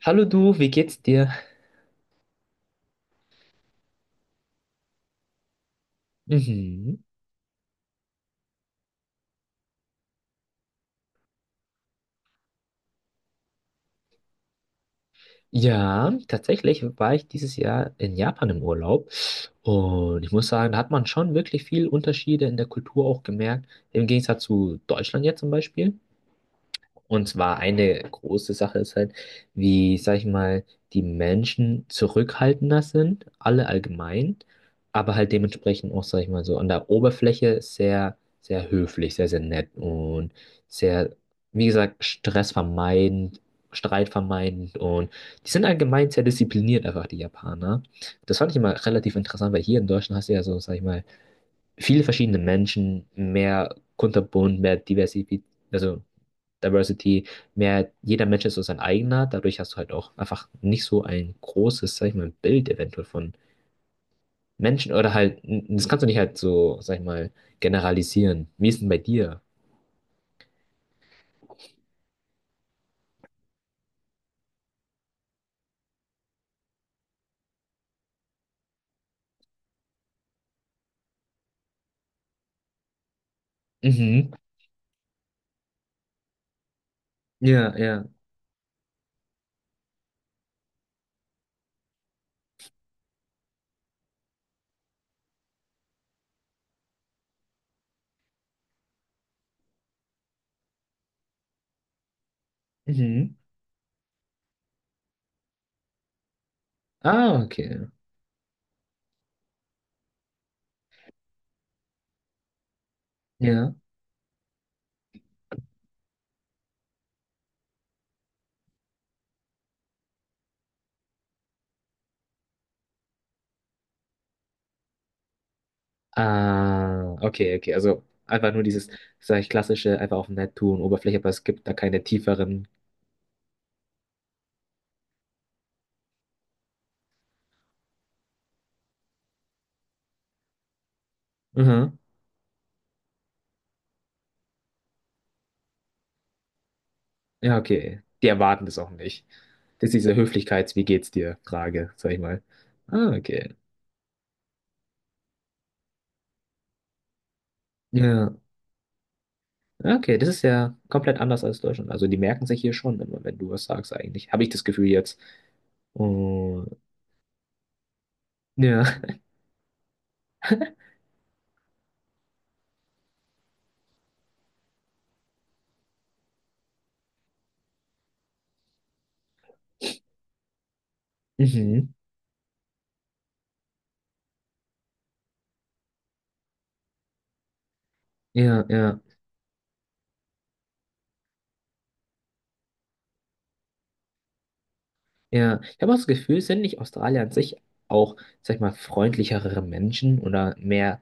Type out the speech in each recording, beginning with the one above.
Hallo du, wie geht's dir? Mhm. Ja, tatsächlich war ich dieses Jahr in Japan im Urlaub und ich muss sagen, da hat man schon wirklich viel Unterschiede in der Kultur auch gemerkt, im Gegensatz zu Deutschland jetzt zum Beispiel. Und zwar eine große Sache ist halt, wie, sag ich mal, die Menschen zurückhaltender sind, alle allgemein, aber halt dementsprechend auch, sag ich mal, so an der Oberfläche sehr, sehr höflich, sehr, sehr nett und sehr, wie gesagt, stressvermeidend, streitvermeidend und die sind allgemein sehr diszipliniert, einfach die Japaner. Das fand ich immer relativ interessant, weil hier in Deutschland hast du ja so, sag ich mal, viele verschiedene Menschen, mehr kunterbunt, mehr Diversität, also Diversity, mehr jeder Mensch ist so sein eigener. Dadurch hast du halt auch einfach nicht so ein großes, sag ich mal, Bild eventuell von Menschen oder halt, das kannst du nicht halt so, sag ich mal, generalisieren. Wie ist denn bei dir? Mhm. Ja, ja. Mhm. Ah, okay. Ja. Ah, okay, okay. Also einfach nur dieses, sag ich, klassische, einfach auf nett tun, Oberfläche, aber es gibt da keine tieferen. Mhm. Ja, okay. Die erwarten das auch nicht. Das ist diese Höflichkeits-Wie geht's dir? Frage, sag ich mal. Ah, okay. Ja, okay, das ist ja komplett anders als Deutschland. Also die merken sich hier schon immer, wenn du was sagst eigentlich. Habe ich das Gefühl jetzt. Oh, ja, mhm. Ja, ja, ja. Ich habe auch das Gefühl, sind nicht Australier an sich auch, sag ich mal, freundlichere Menschen oder mehr,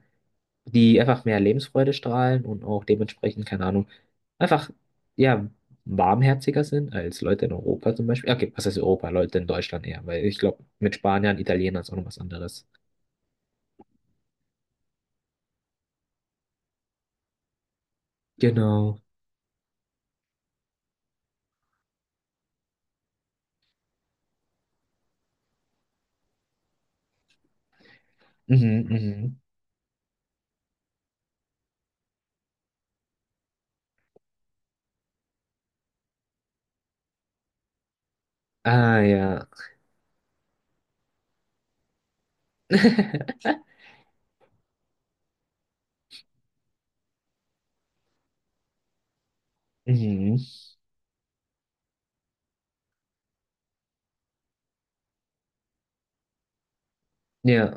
die einfach mehr Lebensfreude strahlen und auch dementsprechend, keine Ahnung, einfach, ja, warmherziger sind als Leute in Europa zum Beispiel. Okay, was heißt Europa? Leute in Deutschland eher, weil ich glaube, mit Spaniern, Italienern ist auch noch was anderes. Genau. Mhm, mhm. Ah, ja. Mhm. Ja.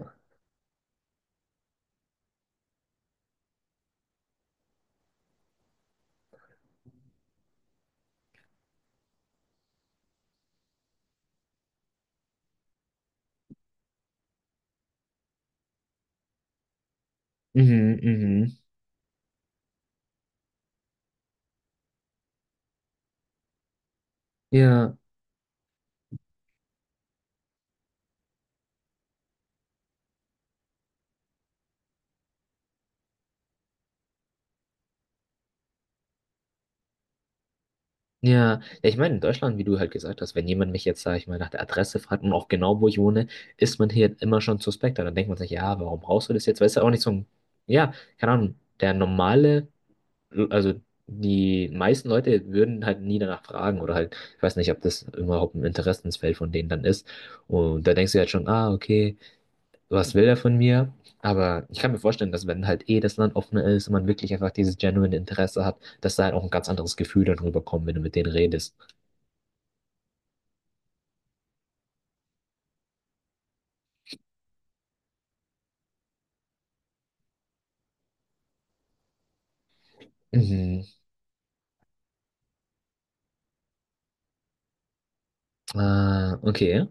Mhm, mhm. Ja. Ja, ja, ich meine, in Deutschland, wie du halt gesagt hast, wenn jemand mich jetzt, sag ich mal, nach der Adresse fragt und auch genau, wo ich wohne, ist man hier immer schon suspekter. Dann denkt man sich, ja, warum brauchst du das jetzt? Weißt du, auch nicht so ein, ja, keine Ahnung, der normale, also die meisten Leute würden halt nie danach fragen oder halt, ich weiß nicht, ob das überhaupt ein Interessensfeld von denen dann ist. Und da denkst du halt schon, ah, okay. Was will er von mir? Aber ich kann mir vorstellen, dass wenn halt eh das Land offener ist und man wirklich einfach dieses genuine Interesse hat, dass da halt auch ein ganz anderes Gefühl dann rüberkommt, wenn du mit denen redest. Mhm. Ah, okay.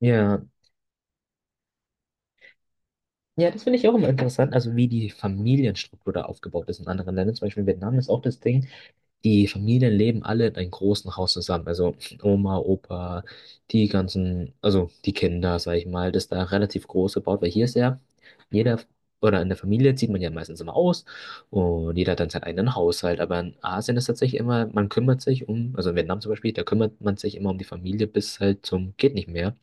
Ja. Ja, das finde ich auch immer interessant, also wie die Familienstruktur da aufgebaut ist in anderen Ländern. Zum Beispiel in Vietnam ist auch das Ding, die Familien leben alle in einem großen Haus zusammen. Also Oma, Opa, die ganzen, also die Kinder, sag ich mal, das ist da relativ groß gebaut, weil hier ist ja jeder, oder in der Familie zieht man ja meistens immer aus und jeder hat dann seinen eigenen Haushalt. Aber in Asien ist tatsächlich immer, man kümmert sich um, also in Vietnam zum Beispiel, da kümmert man sich immer um die Familie bis halt zum geht nicht mehr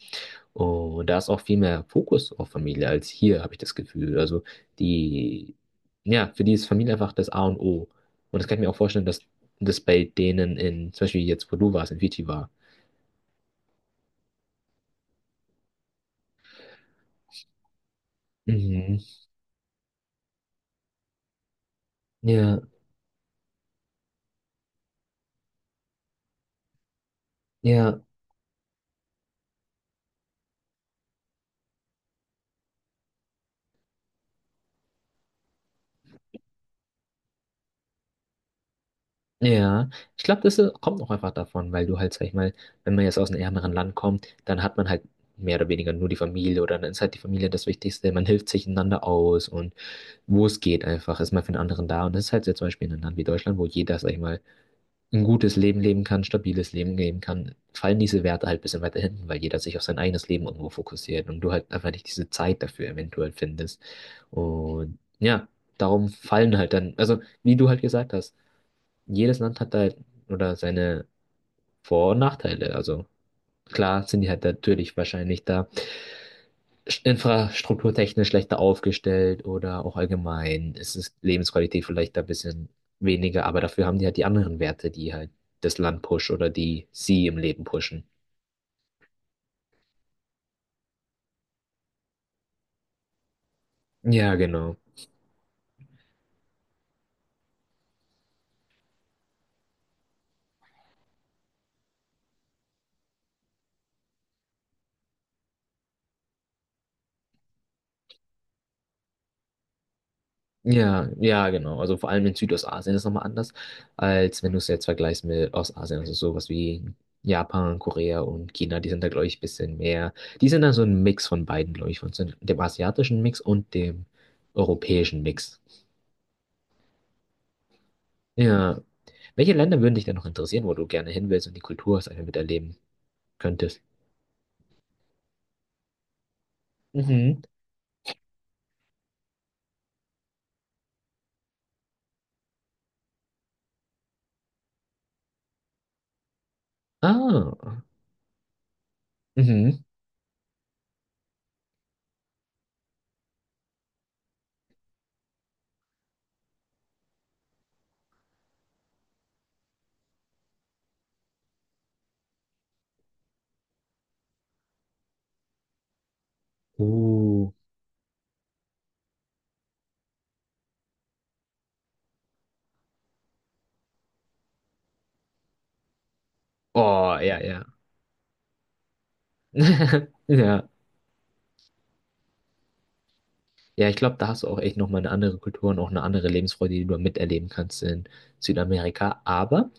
und da ist auch viel mehr Fokus auf Familie als hier, habe ich das Gefühl. Also die, ja, für die ist Familie einfach das A und O. Und das kann ich mir auch vorstellen, dass das bei denen in, zum Beispiel jetzt, wo du warst, in Fiji war. Mhm. Ja, ja, ja. Ich glaube, das kommt auch einfach davon, weil du halt, sag ich mal, wenn man jetzt aus einem ärmeren Land kommt, dann hat man halt mehr oder weniger nur die Familie oder dann ist halt die Familie das Wichtigste. Man hilft sich einander aus und wo es geht einfach, ist man für den anderen da. Und das ist halt jetzt zum Beispiel in einem Land wie Deutschland, wo jeder, sag ich mal, ein gutes Leben leben kann, stabiles Leben leben kann, fallen diese Werte halt ein bisschen weiter hinten, weil jeder sich auf sein eigenes Leben irgendwo fokussiert und du halt einfach nicht diese Zeit dafür eventuell findest. Und ja, darum fallen halt dann, also wie du halt gesagt hast, jedes Land hat halt oder seine Vor- und Nachteile. Also klar sind die halt natürlich wahrscheinlich da infrastrukturtechnisch schlechter aufgestellt oder auch allgemein ist es Lebensqualität vielleicht ein bisschen weniger, aber dafür haben die halt die anderen Werte, die halt das Land pushen oder die sie im Leben pushen. Ja, genau. Ja, ja, genau. Also vor allem in Südostasien ist es nochmal anders, als wenn du es jetzt vergleichst mit Ostasien. Also sowas wie Japan, Korea und China, die sind da, glaube ich, ein bisschen mehr. Die sind da so ein Mix von beiden, glaube ich, von so dem asiatischen Mix und dem europäischen Mix. Ja. Welche Länder würden dich denn noch interessieren, wo du gerne hin willst und die Kultur hast, einfach miterleben könntest? Mhm. Ah. Mhm. Uh. Oh, ja, ja. Ja. Ja, ich glaube, da hast du auch echt nochmal eine andere Kultur und auch eine andere Lebensfreude, die du miterleben kannst in Südamerika. Aber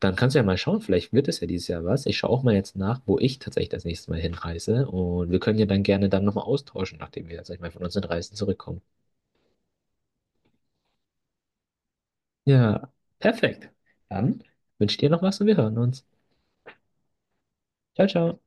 dann kannst du ja mal schauen, vielleicht wird es ja dieses Jahr was. Ich schaue auch mal jetzt nach, wo ich tatsächlich das nächste Mal hinreise. Und wir können ja dann gerne dann nochmal austauschen, nachdem wir, sag ich mal, von unseren Reisen zurückkommen. Ja, perfekt. Dann wünsche ich dir noch was und wir hören uns. Ciao, ciao.